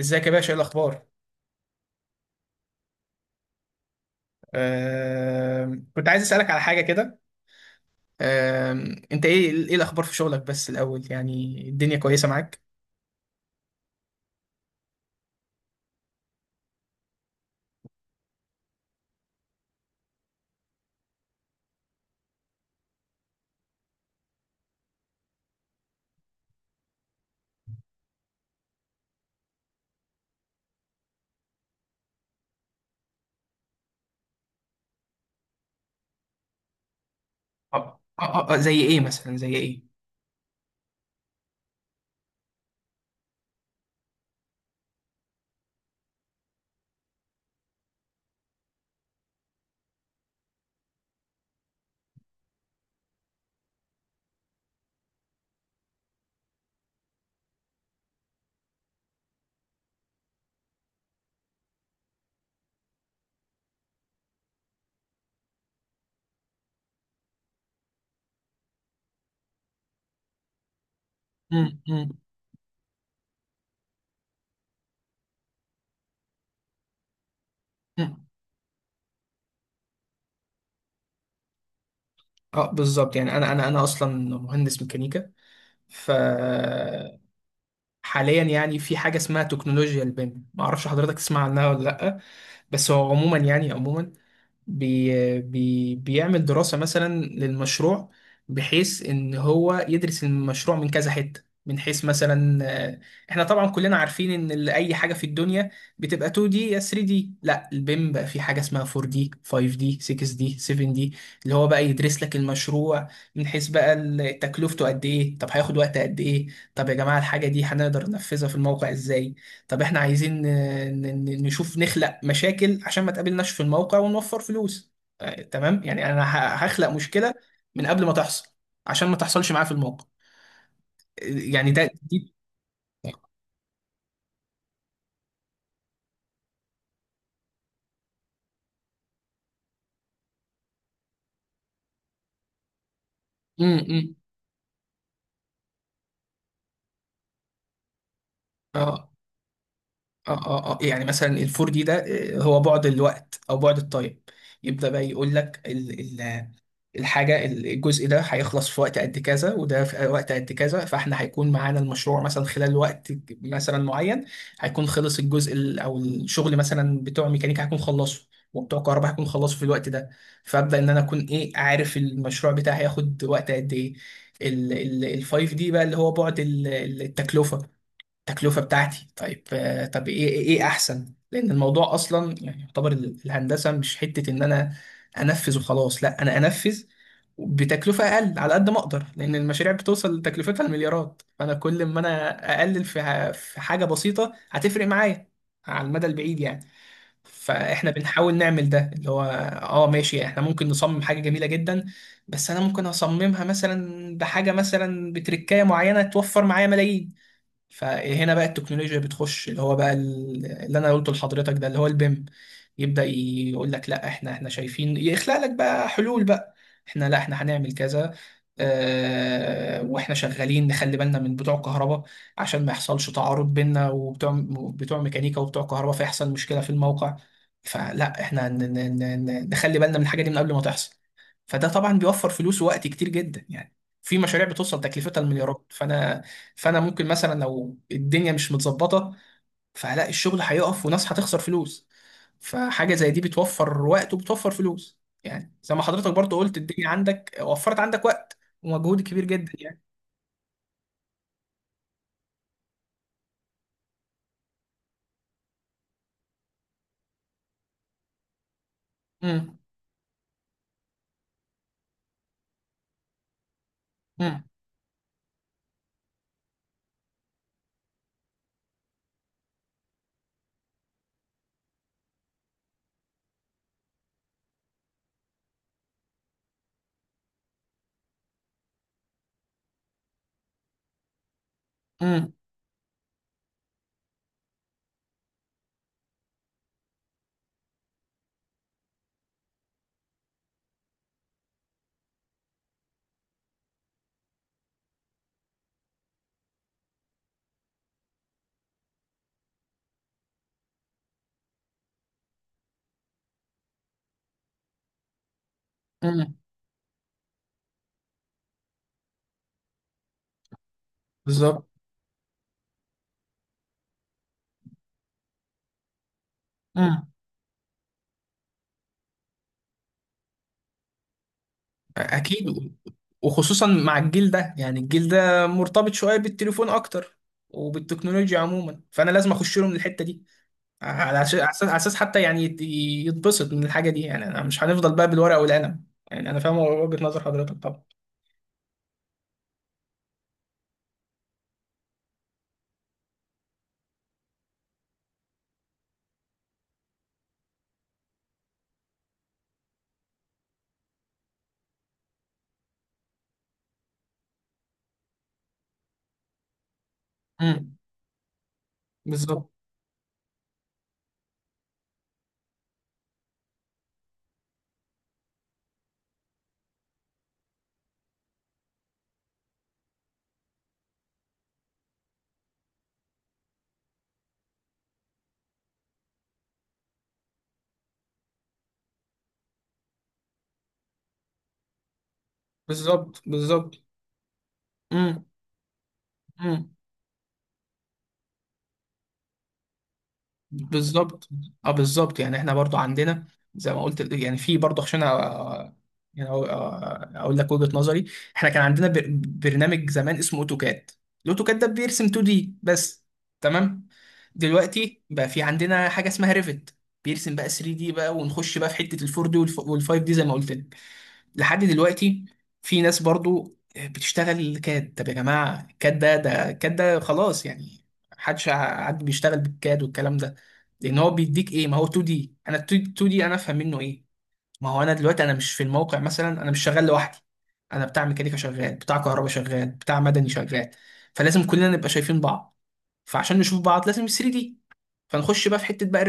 ازيك يا باشا، ايه الاخبار؟ كنت عايز اسالك على حاجه كده. انت ايه الاخبار في شغلك بس الاول؟ يعني الدنيا كويسه معاك؟ اه اه اه. زي ايه مثلا، زي ايه؟ مم، مم، مم. اه بالظبط. يعني انا اصلا مهندس ميكانيكا، ف حاليا يعني في حاجه اسمها تكنولوجيا البيم، ما اعرفش حضرتك تسمع عنها ولا لا؟ بس هو عموما، يعني عموما بي بي بيعمل دراسه مثلا للمشروع، بحيث ان هو يدرس المشروع من كذا حته، من حيث مثلا. آه، احنا طبعا كلنا عارفين ان اي حاجه في الدنيا بتبقى 2 دي يا 3 دي. لا، البيم بقى في حاجه اسمها 4 دي 5 دي 6 دي 7 دي، اللي هو بقى يدرس لك المشروع من حيث بقى تكلفته قد ايه، طب هياخد وقت قد ايه، طب يا جماعة الحاجة دي هنقدر ننفذها في الموقع ازاي، طب احنا عايزين نشوف، نخلق مشاكل عشان ما تقابلناش في الموقع ونوفر فلوس. تمام. يعني انا هخلق مشكلة من قبل ما تحصل عشان ما تحصلش معاه في الموقع. يعني ده دي. امم. اه اه اه اه، يعني مثلا الفور دي ده، هو بعد الوقت او بعد التايم يبدأ بقى يقول لك الحاجة، الجزء ده هيخلص في وقت قد كذا وده في وقت قد كذا، فاحنا هيكون معانا المشروع مثلا خلال وقت مثلا معين، هيكون خلص او الشغل مثلا بتوع ميكانيكا هيكون خلصه، وبتوع كهرباء هيكون خلصه في الوقت ده. فابدا ان انا اكون ايه؟ عارف المشروع بتاعي هياخد وقت قد ايه. ال 5 دي بقى اللي هو بعد التكلفة. التكلفة بتاعتي، طيب. آه، طب ايه ايه إيه احسن، لان الموضوع اصلا يعني يعتبر الهندسة مش حتة ان انا انفذ وخلاص. لا، انا انفذ بتكلفة اقل على قد ما اقدر، لان المشاريع بتوصل لتكلفتها المليارات. فانا كل ما انا اقلل في في حاجة بسيطة هتفرق معايا على المدى البعيد يعني. فاحنا بنحاول نعمل ده اللي هو، اه ماشي، احنا ممكن نصمم حاجة جميلة جدا، بس انا ممكن اصممها مثلا بحاجة مثلا بتركاية معينة توفر معايا ملايين. فهنا بقى التكنولوجيا بتخش، اللي هو بقى اللي انا قلته لحضرتك ده اللي هو البيم، يبدأ يقول لك لا احنا شايفين، يخلق لك بقى حلول بقى. احنا، لا احنا هنعمل كذا. اه، واحنا شغالين نخلي بالنا من بتوع كهرباء عشان ما يحصلش تعارض بيننا وبتوع ميكانيكا وبتوع كهرباء فيحصل مشكلة في الموقع. فلا احنا نخلي بالنا من الحاجة دي من قبل ما تحصل. فده طبعا بيوفر فلوس ووقت كتير جدا يعني. في مشاريع بتوصل تكلفتها المليارات. فانا ممكن مثلا لو الدنيا مش متظبطه، فهلاقي الشغل هيقف وناس هتخسر فلوس، فحاجه زي دي بتوفر وقت وبتوفر فلوس. يعني زي ما حضرتك برضو قلت، الدنيا عندك، وفرت عندك وقت ومجهود كبير جدا يعني. امم امم امم امم. بالظبط. امم. اكيد. وخصوصا مع الجيل ده. يعني الجيل ده مرتبط شويه بالتليفون اكتر وبالتكنولوجيا عموما، فانا لازم اخش لهم الحته دي، على أساس حتى يعني يتبسط من الحاجة دي. يعني أنا مش هنفضل بقى بالورقة والقلم. يعني أنا فاهم وجهة نظر حضرتك طبعا. امم. بالظبط بالظبط بالظبط. امم. بالظبط. اه بالظبط، يعني احنا برضو عندنا، زي ما قلت يعني في برضو، عشان يعني اقول لك وجهة نظري. احنا كان عندنا برنامج زمان اسمه اوتوكاد. الاوتوكاد ده بيرسم 2 دي بس، تمام. دلوقتي بقى في عندنا حاجة اسمها ريفت، بيرسم بقى 3 دي بقى، ونخش بقى في حتة ال 4 دي وال 5 دي زي ما قلت لك. لحد دلوقتي في ناس برضو بتشتغل كاد. طب يا جماعة الكاد ده، الكاد ده خلاص يعني، حد بيشتغل بالكاد والكلام ده؟ لأن هو بيديك إيه؟ ما هو 2 دي. أنا 2 دي أنا أفهم منه إيه؟ ما هو أنا دلوقتي أنا مش في الموقع مثلا، أنا مش شغال لوحدي، أنا بتاع ميكانيكا شغال، بتاع كهرباء شغال، بتاع مدني شغال، فلازم كلنا نبقى شايفين بعض، فعشان نشوف بعض لازم 3 دي، فنخش بقى في حتة بقى.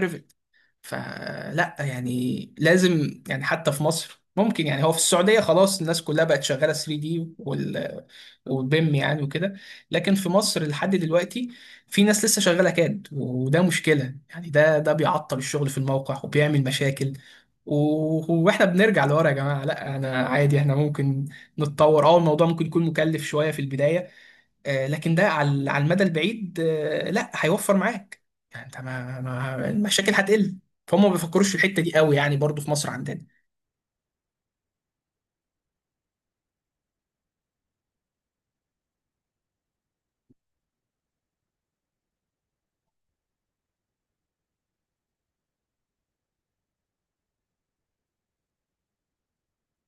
فلا يعني لازم يعني حتى في مصر ممكن، يعني هو في السعودية خلاص الناس كلها بقت شغالة 3 دي وال، وبيم يعني وكده. لكن في مصر لحد دلوقتي في ناس لسه شغالة كاد، وده مشكلة يعني، ده بيعطل الشغل في الموقع وبيعمل مشاكل. واحنا بنرجع لورا يا جماعة. لا انا عادي احنا ممكن نتطور. اه الموضوع ممكن يكون مكلف شوية في البداية، لكن ده على على المدى البعيد، لا، هيوفر معاك. يعني انت المشاكل هتقل. فهم ما بيفكروش في الحته دي قوي يعني، برضو في مصر عندنا.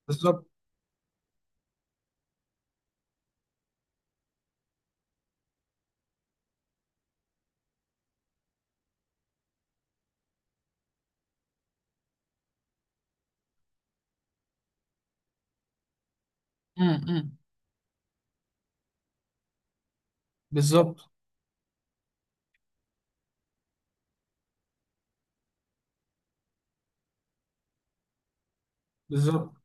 بالظبط. امم. بالظبط. بالظبط.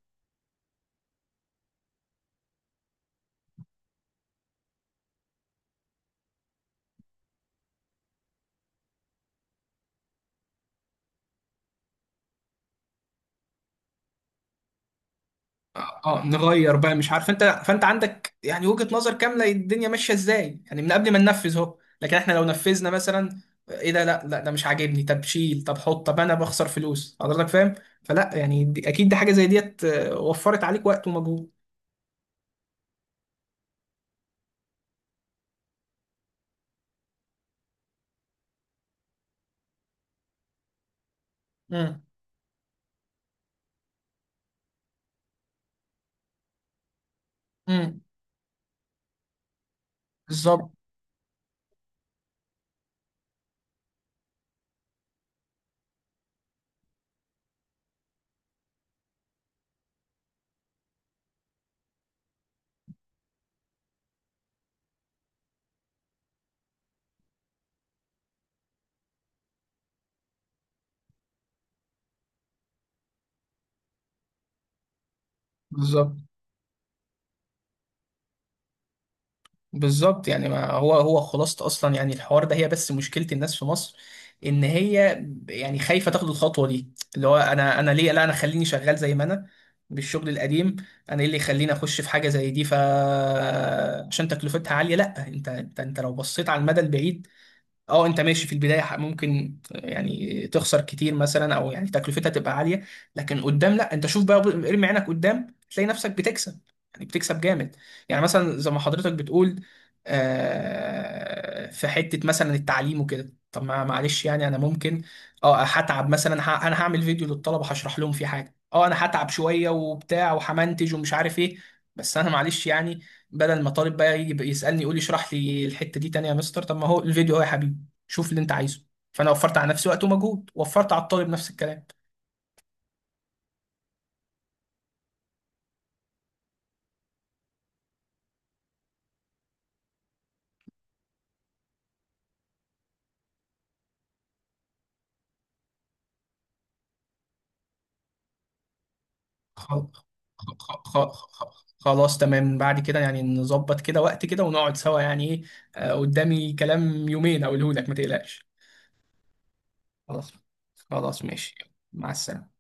اه، نغير بقى مش عارف انت. فانت عندك يعني وجهة نظر كاملة الدنيا ماشية ازاي، يعني من قبل ما ننفذ اهو. لكن احنا لو نفذنا مثلا، ايه ده، لا لا ده مش عاجبني، طب شيل، طب حط، طب انا بخسر فلوس. حضرتك فاهم. فلا يعني دي اكيد دي حاجة زي ديت وفرت عليك وقت ومجهود. امم امم. بالظبط بالظبط بالظبط. يعني ما هو هو خلاصة اصلا يعني الحوار ده، هي بس مشكلة الناس في مصر ان هي يعني خايفة تاخد الخطوة دي. اللي هو انا ليه، لا انا خليني شغال زي ما انا، بالشغل القديم. انا ايه اللي يخليني اخش في حاجة زي دي؟ ف عشان تكلفتها عالية. لا، انت لو بصيت على المدى البعيد، اه انت ماشي في البدايه ممكن يعني تخسر كتير مثلا، او يعني تكلفتها تبقى عاليه، لكن قدام لا، انت شوف بقى، ارمي عينك قدام تلاقي نفسك بتكسب، يعني بتكسب جامد. يعني مثلا زي ما حضرتك بتقول، في حته مثلا التعليم وكده، طب ما معلش يعني انا ممكن اه هتعب مثلا، انا هعمل فيديو للطلبه هشرح لهم فيه حاجه، اه انا هتعب شويه وبتاع وهمنتج ومش عارف ايه، بس انا معلش يعني بدل ما طالب بقى يجي يسالني يقول لي اشرح لي الحته دي تانية يا مستر، طب ما هو الفيديو اهو يا حبيبي، شوف اللي انت عايزه. فانا وفرت على نفسي وقت ومجهود، وفرت على الطالب نفس الكلام. خل- خ- خلاص تمام، بعد كده يعني نظبط كده وقت كده ونقعد سوا يعني ايه. قدامي كلام يومين اقوله لك ما تقلقش. خلاص. خلاص ماشي. مع السلامة.